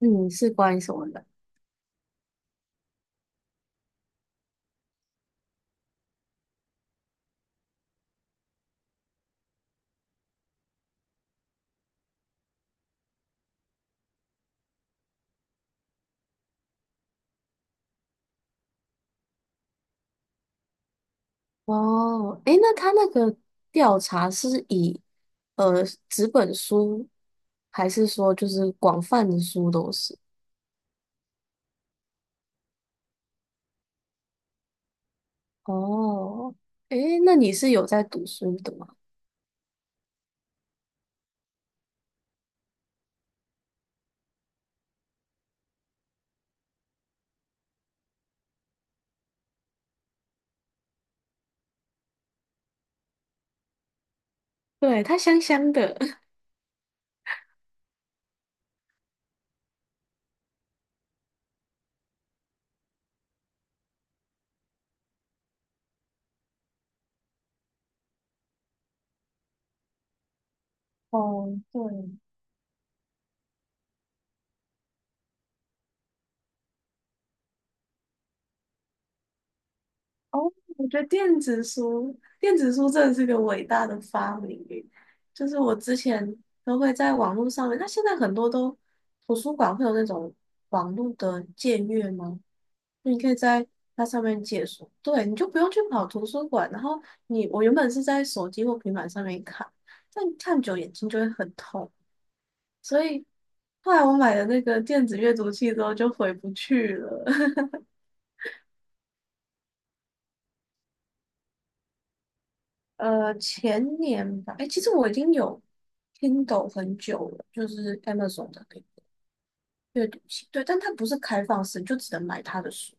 嗯，是关于什么的？哦，诶，那他那个调查是以呃纸本书，还是说就是广泛的书都是？哦，诶，那你是有在读书的吗？对，它香香的。哦，对，哦，我觉得电子书，电子书真的是个伟大的发明耶，就是我之前都会在网络上面，那现在很多都图书馆会有那种网络的借阅吗？你可以在它上面借书，对，你就不用去跑图书馆。然后你，我原本是在手机或平板上面看，但看久眼睛就会很痛，所以后来我买了那个电子阅读器之后就回不去了。前年吧，哎，其实我已经有 Kindle 很久了，就是 Amazon 的那个阅读器，对，但它不是开放式，就只能买它的书。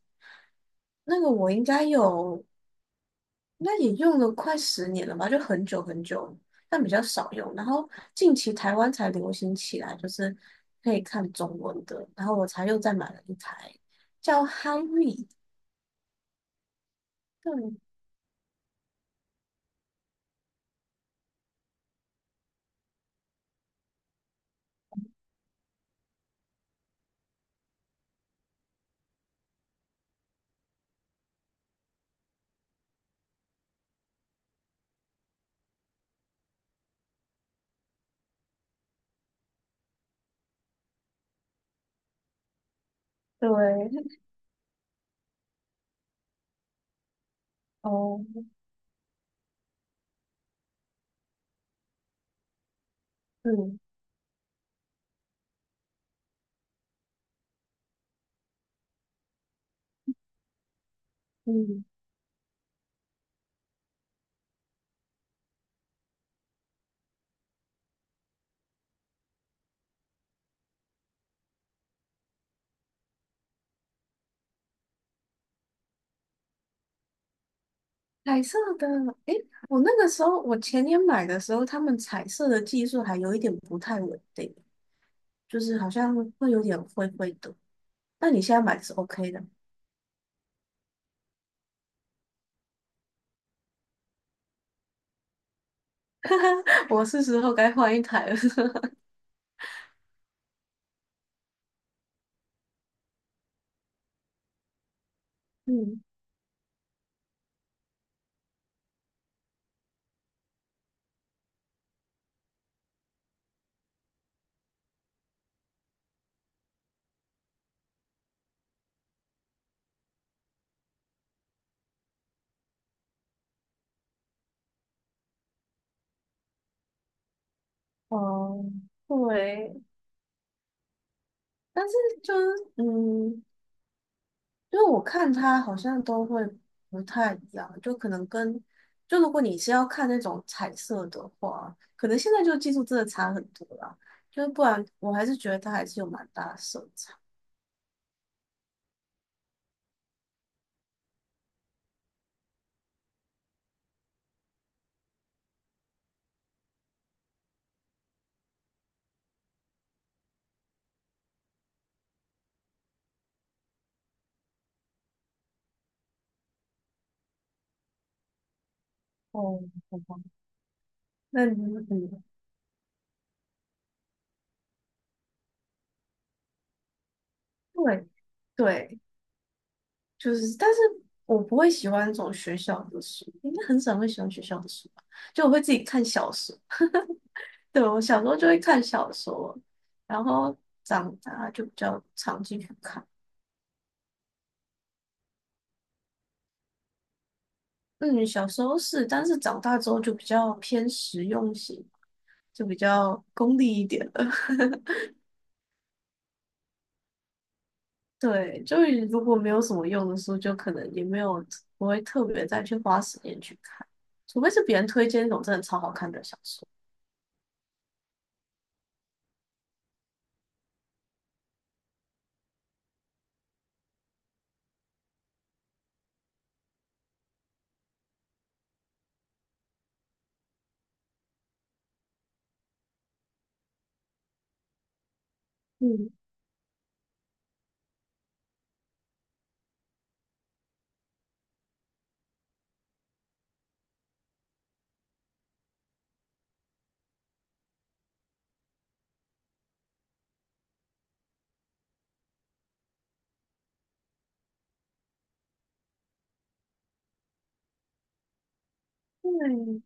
那个我应该有。那也用了快10年了吧，就很久很久，但比较少用。然后近期台湾才流行起来，就是可以看中文的，然后我才又再买了一台叫哈瑞，对对，哦，嗯嗯，彩色的。诶，我那个时候我前年买的时候，他们彩色的技术还有一点不太稳定，就是好像会有点灰灰的。那你现在买的是 OK 的，我是时候该换一台了。嗯，哦，对，但是就是嗯，因为我看它好像都会不太一样，就可能跟就如果你是要看那种彩色的话，可能现在就技术真的差很多啦，就是不然我还是觉得它还是有蛮大的色差。哦，好吧，那你嗯，对对，就是，但是我不会喜欢这种学校的书，应该很少会喜欢学校的书吧？就我会自己看小说。对，我小时候就会看小说，然后长大就比较常进去看。嗯，小时候是，但是长大之后就比较偏实用型，就比较功利一点了。对，就是如果没有什么用的书，就可能也没有不会特别再去花时间去看，除非是别人推荐那种真的超好看的小说。嗯，对，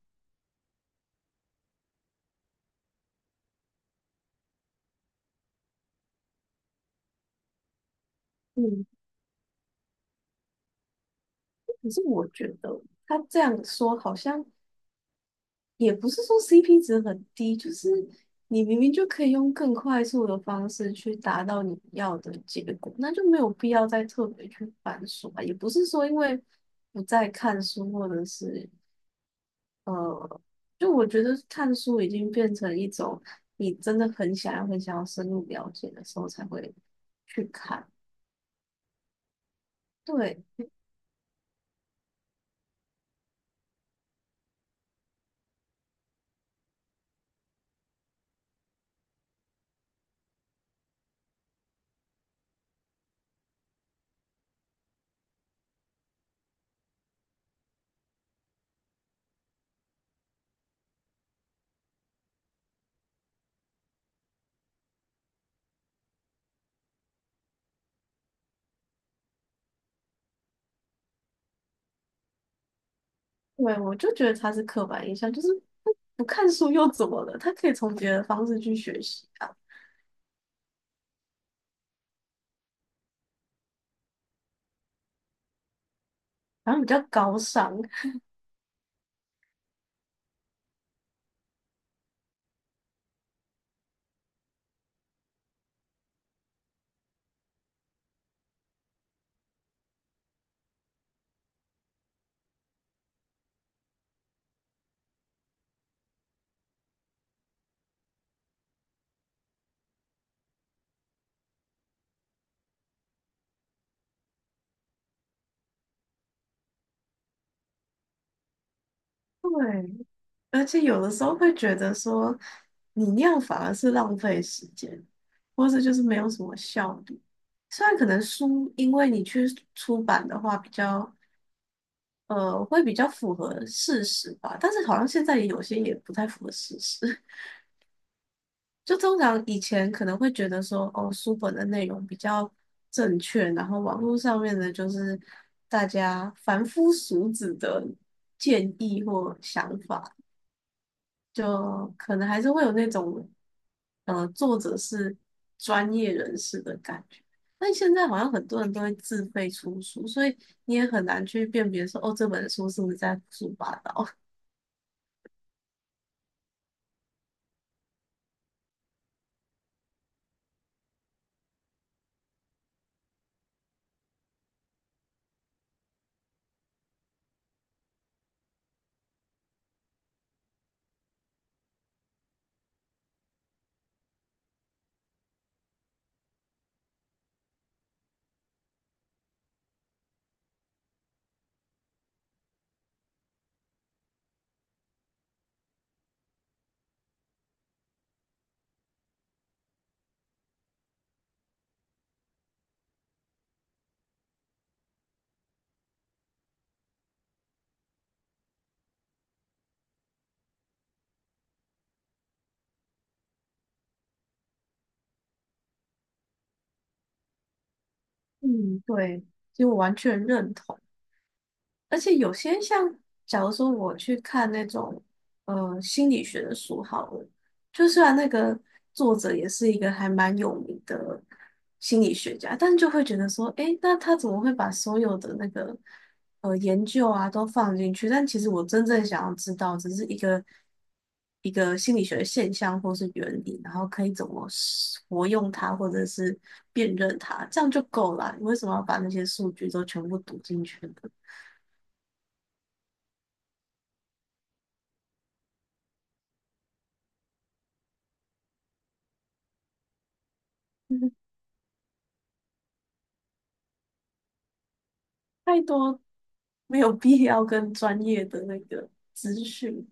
嗯，可是我觉得他这样说好像也不是说 CP 值很低，就是你明明就可以用更快速的方式去达到你要的结果，那就没有必要再特别去翻书啊。也不是说因为不再看书，或者是呃，就我觉得看书已经变成一种你真的很想要、很想要深入了解的时候才会去看。对，对，我就觉得它是刻板印象，就是不看书又怎么了？他可以从别的方式去学习啊，然后比较高尚。对，而且有的时候会觉得说，你那样反而是浪费时间，或者就是没有什么效率。虽然可能书，因为你去出版的话，比较会比较符合事实吧，但是好像现在也有些也不太符合事实。就通常以前可能会觉得说，哦，书本的内容比较正确，然后网络上面的就是大家凡夫俗子的建议或想法。就可能还是会有那种，作者是专业人士的感觉。但现在好像很多人都会自费出书，所以你也很难去辨别说，哦，这本书是不是在胡说八道。嗯，对，就完全认同。而且有些像，假如说我去看那种心理学的书好了，就虽然那个作者也是一个还蛮有名的心理学家，但就会觉得说，诶，那他怎么会把所有的那个研究啊都放进去？但其实我真正想要知道，只是一个一个心理学的现象或是原理，然后可以怎么使活用它，或者是辨认它，这样就够了啊你为什么要把那些数据都全部读进去呢？太多没有必要跟专业的那个资讯，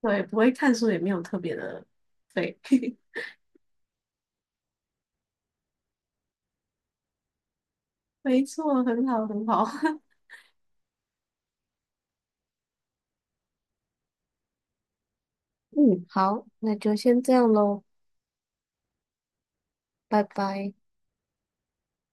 对，不会看书也没有特别的费，没错，很好，很好，嗯，好，那就先这样喽，拜拜。